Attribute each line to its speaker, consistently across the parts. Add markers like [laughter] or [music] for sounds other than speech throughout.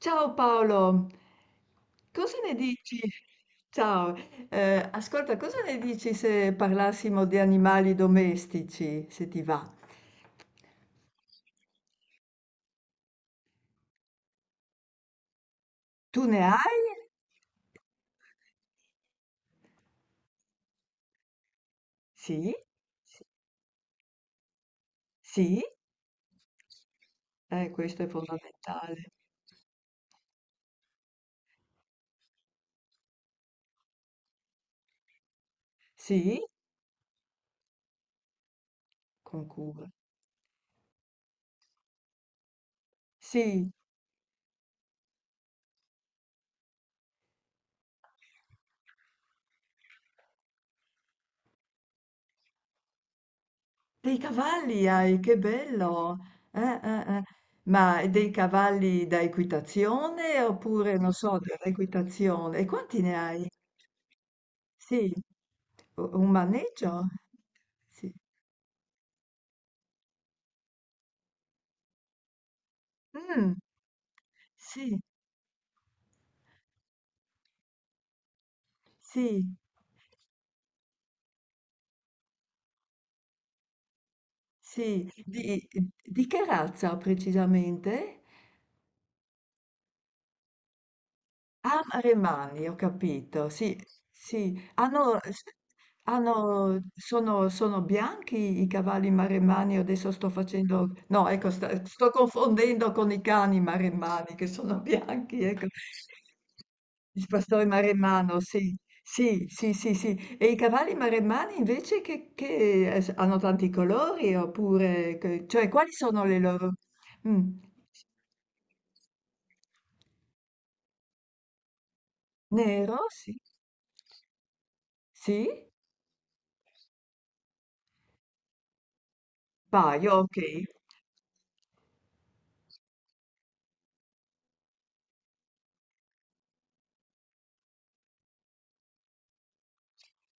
Speaker 1: Ciao Paolo, cosa ne dici? Ciao, ascolta, cosa ne dici se parlassimo di animali domestici, se ti va? Tu ne hai? Sì, sì, sì. Questo è fondamentale. Sì, con cura. Sì, dei cavalli hai, che bello. Eh. Ma dei cavalli da equitazione oppure, non so, dell'equitazione? E quanti ne hai? Sì, un maneggio? Sì. Mh, sì, sì, sì. Di che razza precisamente? Ah, Remani, ho capito, sì, sì, sono bianchi i cavalli maremmani, adesso no, ecco, sto confondendo con i cani maremmani che sono bianchi, ecco, il pastore maremmano, sì, sì, sì, sì, sì, e i cavalli maremmani invece che, hanno tanti colori oppure, cioè, quali sono le loro? Mm, nero, sì, sì, paio, ok.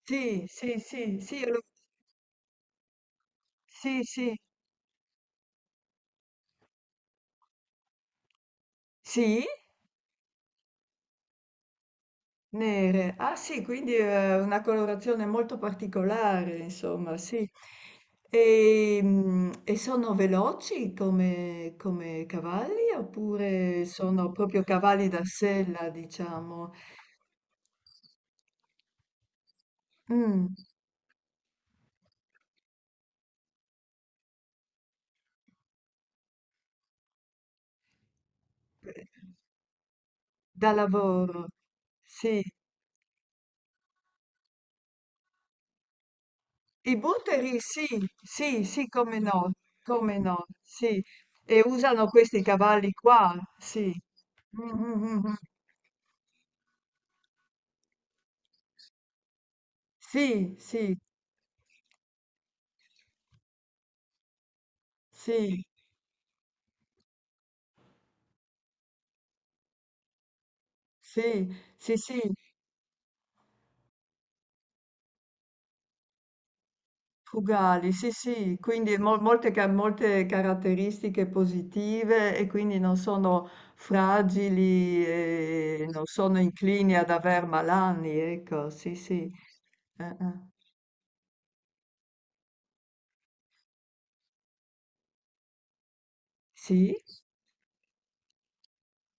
Speaker 1: Sì, sì, sì, sì, sì, sì, sì, nere. Ah sì, quindi è una colorazione molto particolare, insomma, sì. E sono veloci come cavalli oppure sono proprio cavalli da sella, diciamo? Mm, da lavoro, sì. I butteri sì, sì, sì, come no, come no, sì. E usano questi cavalli qua, sì. Mm, mm, mm, mm. Sì, sì, sì, sì, sì, sì, fugali, sì, sì. Quindi molte caratteristiche positive e quindi non sono fragili e non sono inclini ad aver malanni, ecco, sì, sì. Eh. Sì?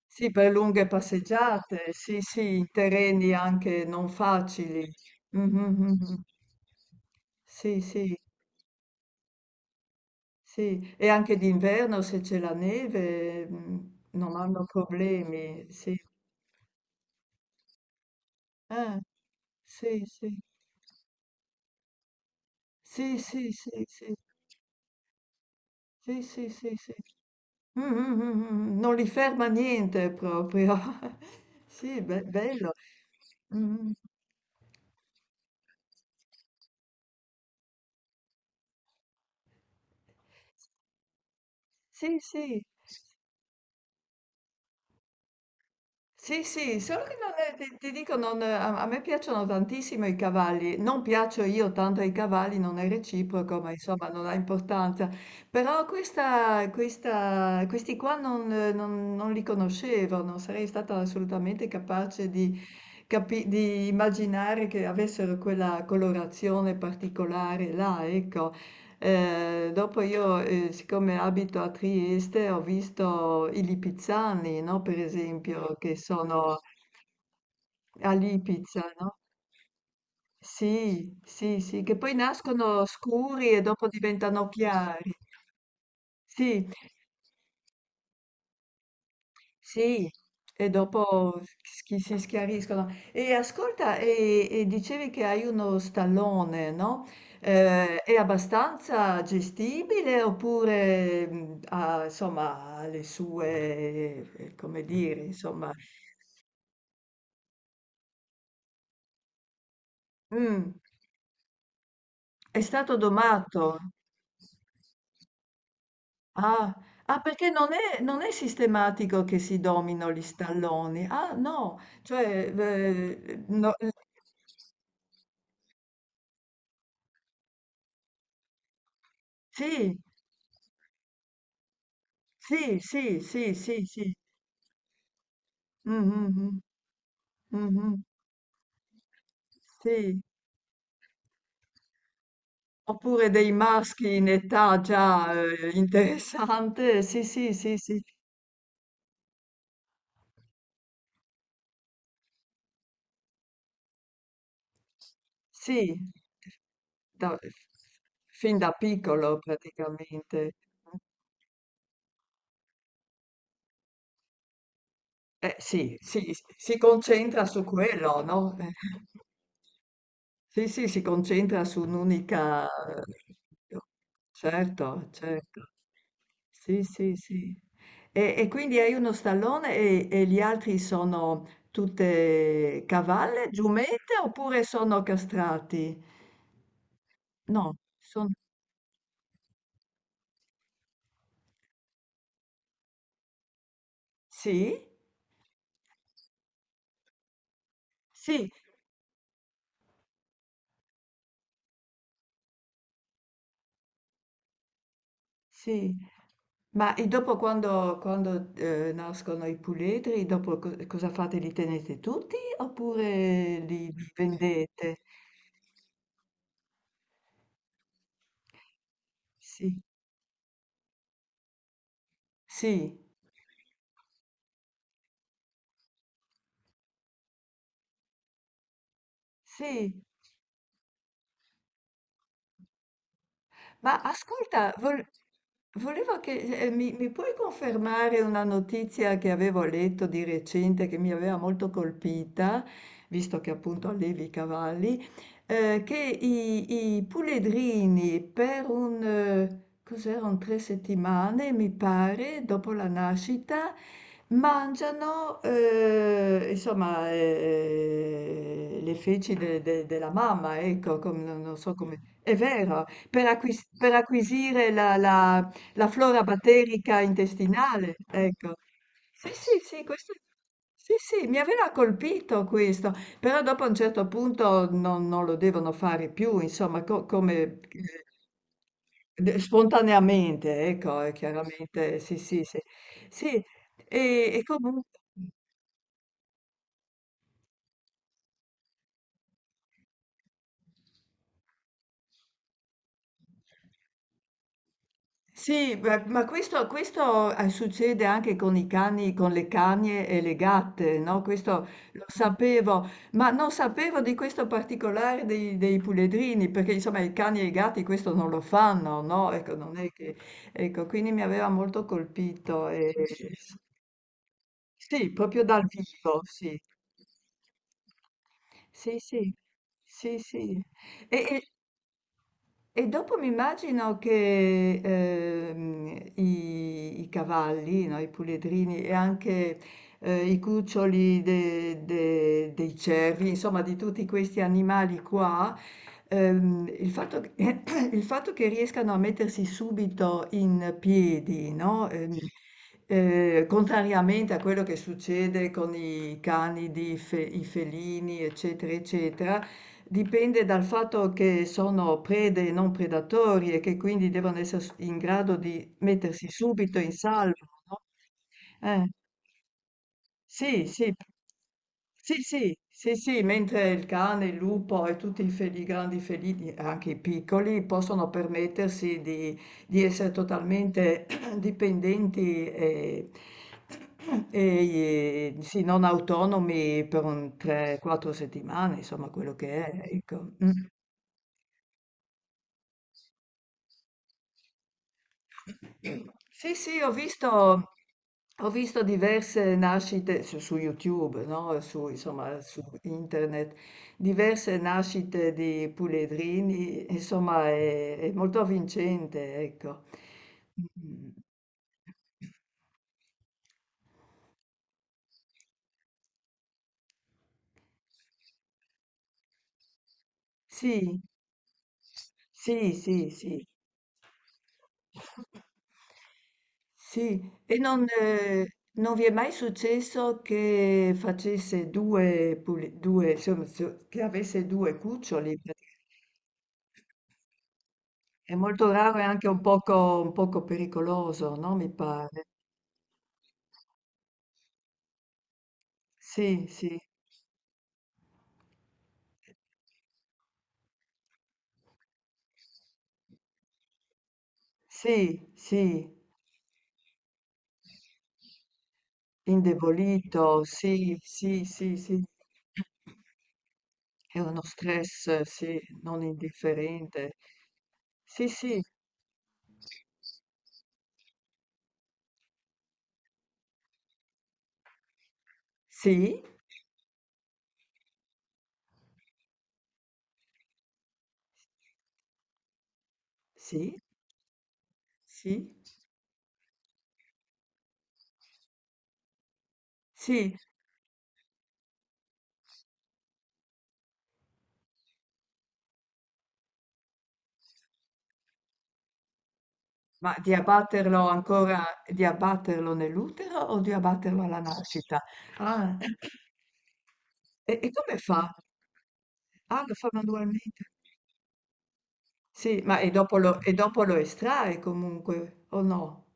Speaker 1: Sì, per lunghe passeggiate, sì, sì, in terreni anche non facili. Mhm, mhm. Sì, sì, sì. E anche d'inverno se c'è la neve non hanno problemi, sì. Eh, sì, sì. Sì, sì, sì, sì. Sì, sì, sì, sì. Mm, mm, mm, mm. Non li ferma niente proprio. [laughs] Sì, bello. Mm. Sì, sì. Sì, sì, solo che non è- ti dico, a me piacciono tantissimo i cavalli, non piaccio io tanto ai cavalli, non è reciproco, ma insomma non ha importanza. Però questi qua non li conoscevo, non sarei stata assolutamente capace di immaginare che avessero quella colorazione particolare là, ecco. Dopo io, siccome abito a Trieste, ho visto i lipizzani, no, per esempio, che sono a Lipizza, no? Sì, sì, sì, che poi nascono scuri e dopo diventano chiari. Sì. Sì, e dopo si schiariscono. E ascolta, e dicevi che hai uno stallone, no? È abbastanza gestibile oppure insomma, ha le sue, come dire, insomma, mm, è stato domato. Ah, ah, perché non è sistematico che si domino gli stalloni. Ah, no, cioè, no, sì, sì, sì, sì, sì, sì. Mh-mh-mh, mh-mh. Sì, oppure dei maschi in età già, interessante. Sì, sì, sì, sì. Sì, da fin da piccolo praticamente. Eh sì, sì, s si concentra su quello, no, eh. Sì, sì, si concentra su un'unica certo, certo. Sì, sì, sì. E quindi hai uno stallone e gli altri sono tutte cavalle, giummente oppure sono castrati? No, sono... Sì? Sì, sì. Ma e dopo quando, nascono i puledri, dopo cosa fate? Li tenete tutti oppure li vendete? Sì, sì, sì. Ma ascolta, volevo che mi puoi confermare una notizia che avevo letto di recente che mi aveva molto colpita, visto che appunto allevi i cavalli, che i puledrini per un, cos'erano, 3 settimane, mi pare, dopo la nascita, mangiano, insomma, le feci della mamma, ecco, non so come... È vero, per acquisire la flora batterica intestinale, ecco. Sì, sì, sì, questo sì, sì, mi aveva colpito questo, però dopo a un certo punto non lo devono fare più, insomma, co come eh, de spontaneamente, ecco, chiaramente, sì, sì, sì. Sì, e comunque sì, beh, ma succede anche con i cani, con le cagne e le gatte, no? Questo lo sapevo, ma non sapevo di questo particolare dei puledrini, perché insomma i cani e i gatti questo non lo fanno, no? Ecco, non è che, ecco, quindi mi aveva molto colpito. Sì, proprio dal vivo, sì. Sì, sì, sì, sì. E, e- E dopo mi immagino che i cavalli, no, i puledrini e anche i cuccioli dei cervi, insomma di tutti questi animali qua, il fatto che, [coughs] [clears throat] il fatto che riescano a mettersi subito in piedi, no? Contrariamente a quello che succede con i cani, i felini, eccetera, eccetera, dipende dal fatto che sono prede e non predatori e che quindi devono essere s in grado di mettersi subito in salvo, no, eh. Sì, sì. Sì, sì, sì, sì, mentre il cane, il lupo e tutti i grandi felini, anche i piccoli, possono permettersi di essere totalmente [clears throat] dipendenti e sì, non autonomi per un 3, 4 settimane, insomma quello che è, ecco. Mh. Sì, sì, ho visto diverse nascite su YouTube, no? Su, insomma, su internet, diverse nascite di puledrini, insomma, è molto avvincente, ecco. Mm. Sì, sì, sì, sì. Sì, e non vi è mai successo che facesse 2 puli 2 insomma so che avesse 2 cuccioli? Perché è molto raro e anche un poco pericoloso, no, mi pare. Sì, sì, sì, sì, indebolito, sì, sì, sì, sì. È uno stress, sì, non indifferente. Sì, sì, sì, sì, sì, sì. Ma di abbatterlo ancora di abbatterlo nell'utero o di abbatterlo alla nascita? Ah, e come fa? Ah, lo fa manualmente. Sì, ma e dopo lo estrae comunque, o no?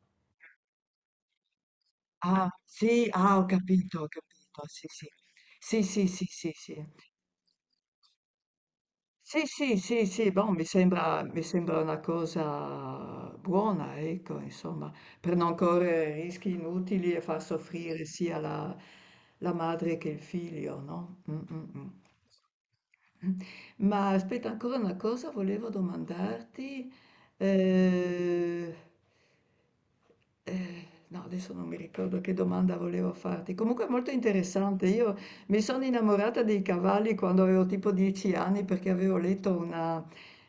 Speaker 1: Ah, sì, ah, ho capito, sì, sì. Sì, sì, sì, sì, sì. Sì, sì, sì, sì, boh, mi sembra una cosa buona, ecco, insomma, per non correre rischi inutili e far soffrire sia la madre che il figlio, no? Mm, mm, mm. [laughs] Ma aspetta, ancora una cosa volevo domandarti. eh, no, adesso non mi ricordo che domanda volevo farti. Comunque è molto interessante. Io mi sono innamorata dei cavalli quando avevo tipo 10 anni perché avevo letto una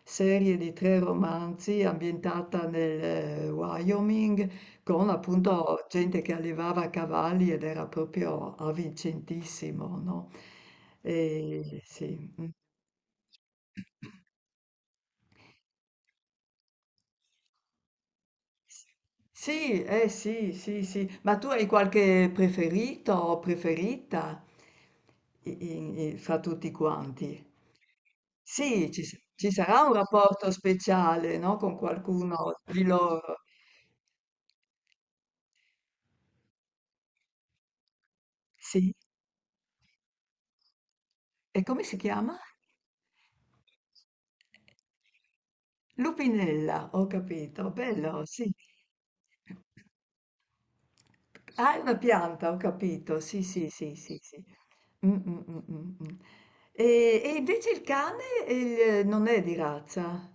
Speaker 1: serie di tre romanzi ambientata nel Wyoming con appunto gente che allevava cavalli ed era proprio avvincentissimo, no? E, sì. Mm. Sì, eh sì, sì, sì, ma tu hai qualche preferito o preferita fra tutti quanti? Sì, ci sarà un rapporto speciale, no? Con qualcuno di loro. Sì, e come si chiama? Lupinella, ho capito, bello, sì. Ah, è una pianta, ho capito, sì, sì, sì, sì, sì. Mh, mh, mh, mh, mh. E invece il cane, non è di razza?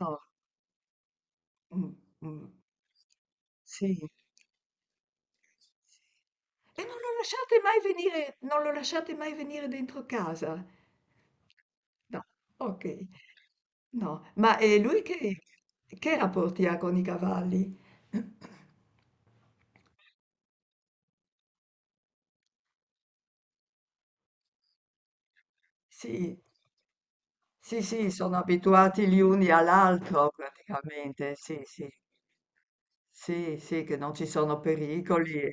Speaker 1: No. Mh, mh. Sì. E non lo lasciate mai venire non lo lasciate mai venire dentro casa? No, okay. No, ma, lui che rapporti ha con i cavalli? [clears throat] Sì, sì, sì, sono abituati gli uni all'altro praticamente, sì, sì. Sì, sì, che non ci sono pericoli.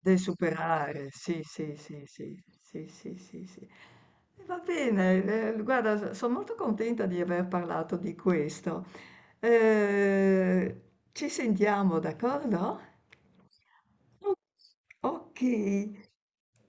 Speaker 1: Devi superare, sì, sì, sì, sì, sì, sì, sì, sì. E va bene, guarda, sono molto contenta di aver parlato di questo. Eh, Ci sentiamo, d'accordo? O- Ok.